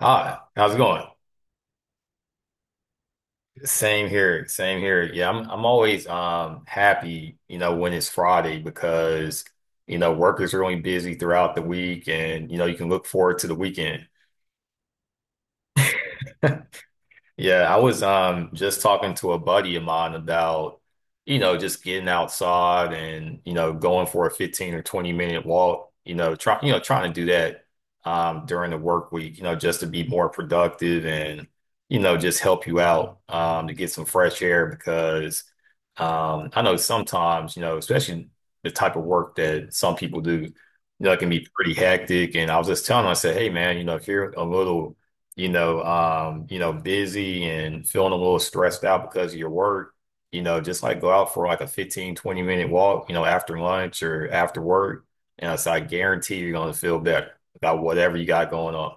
Hi, how's it going? Same here, same here. Yeah, I'm always happy, you know, when it's Friday because, you know, work is really busy throughout the week and, you know, you can look forward to the weekend. Yeah, I was just talking to a buddy of mine about, you know, just getting outside and, you know, going for a 15 or 20-minute walk, you know, trying to do that during the work week, you know, just to be more productive and, you know, just help you out to get some fresh air because I know sometimes, you know, especially the type of work that some people do, you know, it can be pretty hectic. And I was just telling him, I said, hey man, you know, if you're a little you know, busy and feeling a little stressed out because of your work, you know, just like go out for like a 15, 20 minute walk, you know, after lunch or after work. And so I guarantee you're going to feel better about whatever you got going on.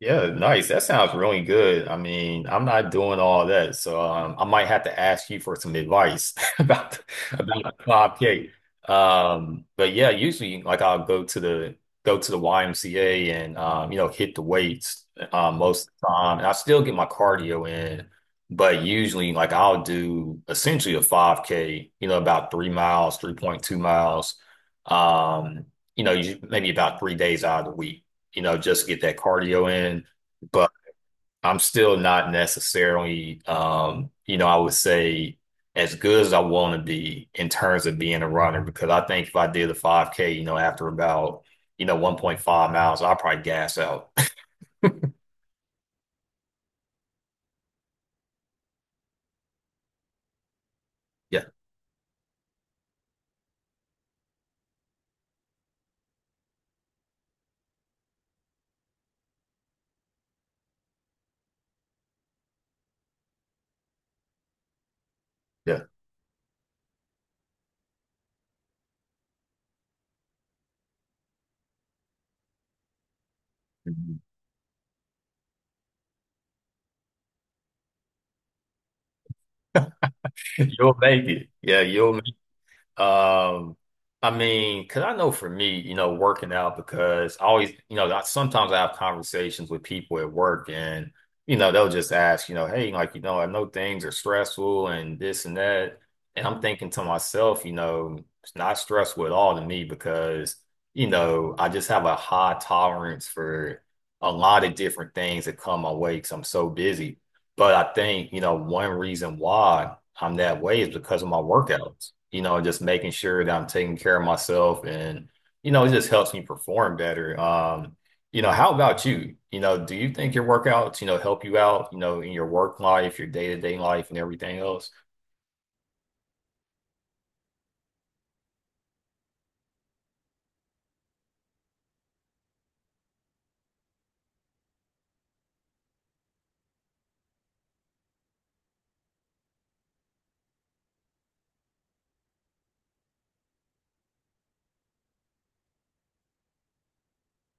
Yeah, nice. That sounds really good. I mean, I'm not doing all that, so I might have to ask you for some advice about the club cake. But yeah, usually like I'll go to the YMCA and you know, hit the weights most of the time, and I still get my cardio in. But usually, like I'll do essentially a 5K, you know, about 3 miles, 3.2 miles. Um, you know, usually maybe about 3 days out of the week, you know, just get that cardio in. But I'm still not necessarily, you know, I would say as good as I want to be in terms of being a runner because I think if I did a 5K, you know, after about, you know, 1.5 miles, I'll probably gas out. Yeah, yeah. Mhm. You'll make it. Yeah, you'll Um, I mean, because I know for me, you know, working out because I always, you know, sometimes I have conversations with people at work and, you know, they'll just ask, you know, hey, like, you know, I know things are stressful and this and that. And I'm thinking to myself, you know, it's not stressful at all to me because, you know, I just have a high tolerance for a lot of different things that come my way because I'm so busy. But I think, you know, one reason why I'm that way is because of my workouts, you know, just making sure that I'm taking care of myself and, you know, it just helps me perform better. You know, how about you? You know, do you think your workouts, you know, help you out, you know, in your work life, your day-to-day life and everything else?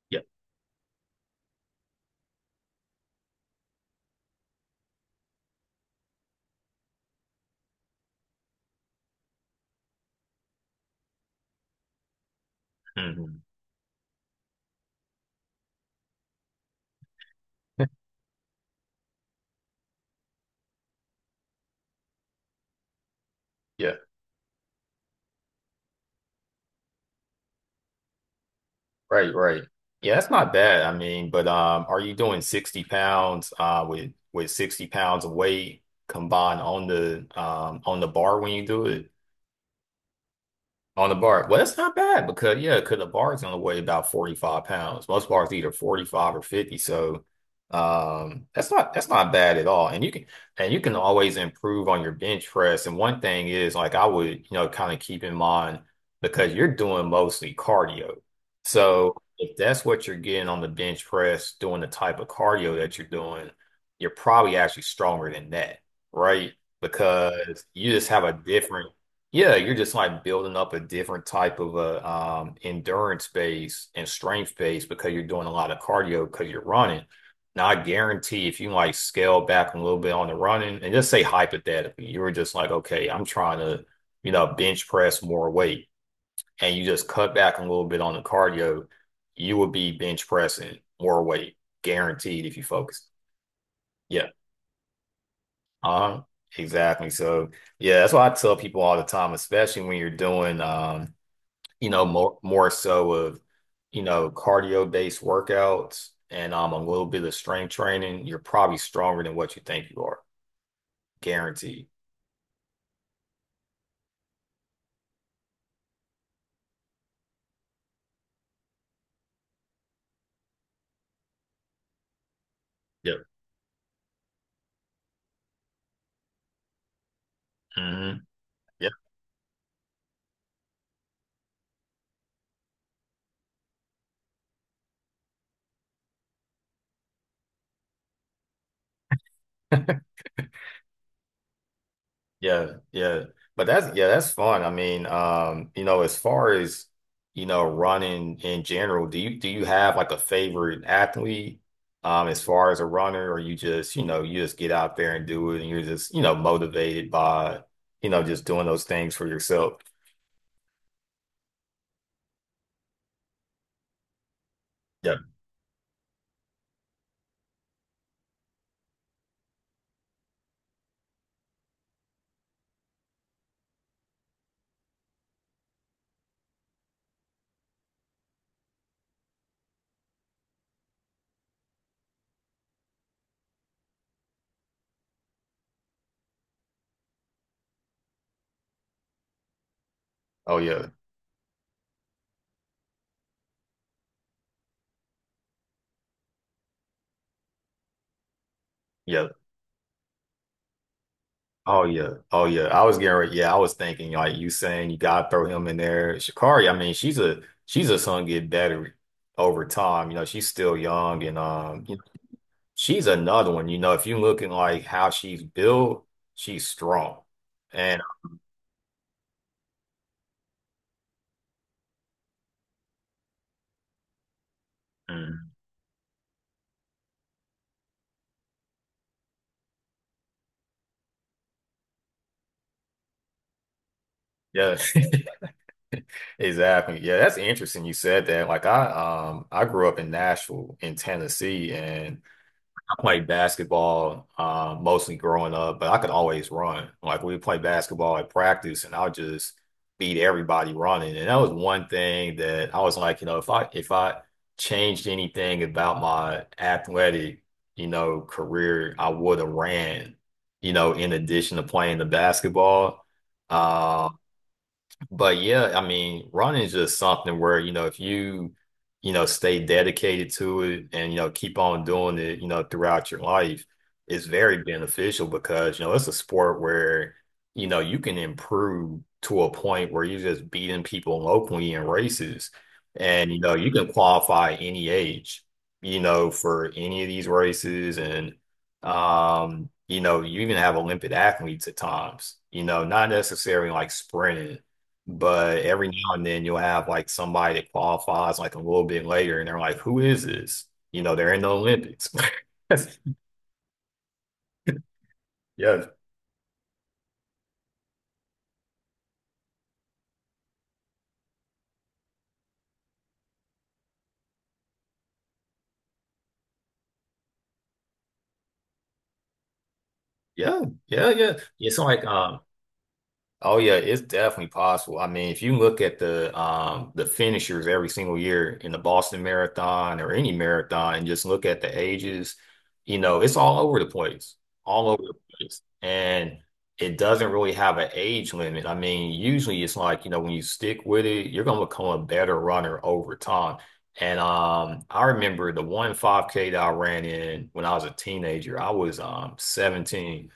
Yeah. Mhm. Yeah, right, right. Yeah, that's not bad. I mean, but are you doing 60 pounds with 60 pounds of weight combined on the bar when you do it? On the bar. Well, that's not bad because yeah, because the bar's only weigh about 45 pounds. Most bars either 45 or 50. So that's not bad at all. And you can always improve on your bench press. And one thing is like I would, you know, kind of keep in mind because you're doing mostly cardio. So if that's what you're getting on the bench press, doing the type of cardio that you're doing, you're probably actually stronger than that, right? Because you just have a different Yeah, you're just like building up a different type of a endurance base and strength base because you're doing a lot of cardio because you're running. Now, I guarantee if you like scale back a little bit on the running and just say hypothetically, you were just like, okay, I'm trying to, you know, bench press more weight, and you just cut back a little bit on the cardio, you would be bench pressing more weight, guaranteed if you focus. Yeah. Uh-huh. Exactly. So, yeah, that's why I tell people all the time, especially when you're doing you know, more so of, you know, cardio-based workouts and a little bit of strength training, you're probably stronger than what you think you are, guaranteed. Yep. Mm-hmm. Yeah, yeah, yeah. But that's yeah, that's fun. I mean, you know, as far as you know, running in general, do you have like a favorite athlete as far as a runner, or you just, you know, you just get out there and do it and you're just, you know, motivated by, you know, just doing those things for yourself? Yeah. Oh yeah. Yeah. Oh yeah. Oh yeah. I was getting ready. Yeah, I was thinking like you saying you gotta throw him in there. Shakari. I mean, she's a son get better over time. You know, she's still young and you know, she's another one. You know, if you looking like how she's built, she's strong. And mm, yeah. Exactly. Yeah, that's interesting you said that. I grew up in Nashville in Tennessee and I played basketball mostly growing up, but I could always run. Like we would play basketball at practice, and I would just beat everybody running. And that was one thing that I was like, you know, if I changed anything about my athletic, you know, career, I would have ran, you know, in addition to playing the basketball. Um, but yeah, I mean, running is just something where, you know, if you, you know, stay dedicated to it and, you know, keep on doing it, you know, throughout your life, it's very beneficial because, you know, it's a sport where, you know, you can improve to a point where you're just beating people locally in races. And, you know, you can qualify any age, you know, for any of these races. And, you know, you even have Olympic athletes at times, you know, not necessarily like sprinting, but every now and then you'll have like somebody that qualifies like a little bit later and they're like, who is this? You know, they're in the Olympics. Yeah. Yeah. Yeah. Yeah. Yeah. It's like um Oh yeah, it's definitely possible. I mean, if you look at the finishers every single year in the Boston Marathon or any marathon and just look at the ages, you know, it's all over the place. All over the place. And it doesn't really have an age limit. I mean, usually it's like, you know, when you stick with it, you're gonna become a better runner over time. And I remember the one 5K that I ran in when I was a teenager. I was 17,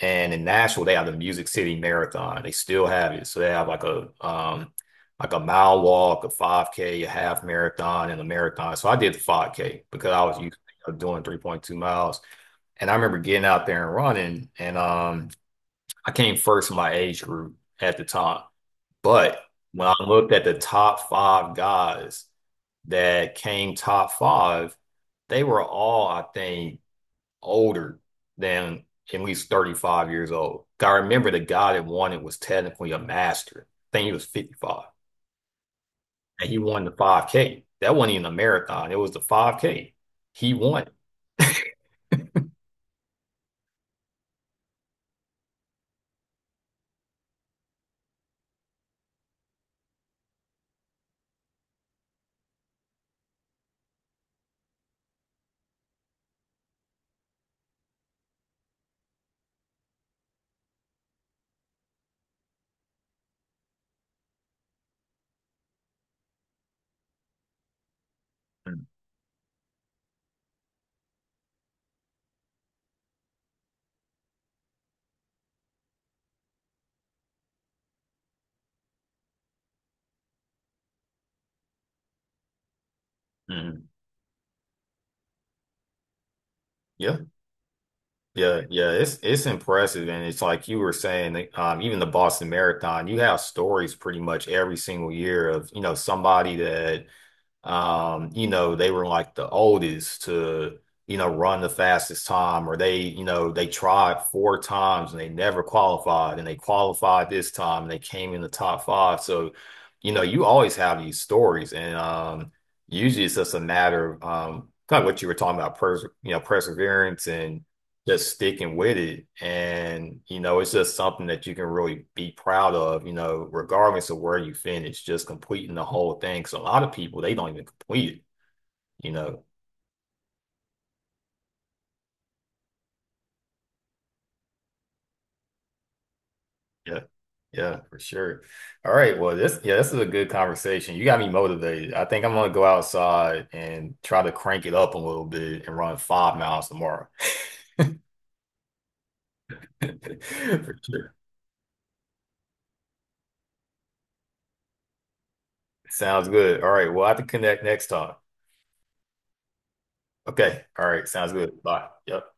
and in Nashville, they have the Music City Marathon. They still have it. So they have like a mile walk, a 5K, a half marathon, and a marathon. So I did the 5K because I was used to doing 3.2 miles. And I remember getting out there and running, and I came first in my age group at the time. But when I looked at the top five guys that came top five, they were all, I think, older than at least 35 years old. I remember the guy that won it was technically a master. I think he was 55. And he won the 5K. That wasn't even a marathon. It was the 5K. He won. Mhm. Yeah. Yeah. Yeah. It's impressive. And it's like you were saying, like, even the Boston Marathon, you have stories pretty much every single year of, you know, somebody that you know, they were like the oldest to, you know, run the fastest time, or they, you know, they tried four times and they never qualified, and they qualified this time and they came in the top five. So, you know, you always have these stories, and usually it's just a matter of kind of what you were talking about, pers you know, perseverance and just sticking with it. And, you know, it's just something that you can really be proud of, you know, regardless of where you finish, just completing the whole thing. So a lot of people, they don't even complete it, you know. Yeah. Yeah, for sure. All right. Well, this, yeah, this is a good conversation. You got me motivated. I think I'm gonna go outside and try to crank it up a little bit and run 5 miles tomorrow. For sure. Sounds good. All right. We'll have to connect next time. Okay. All right. Sounds good. Bye. Yep.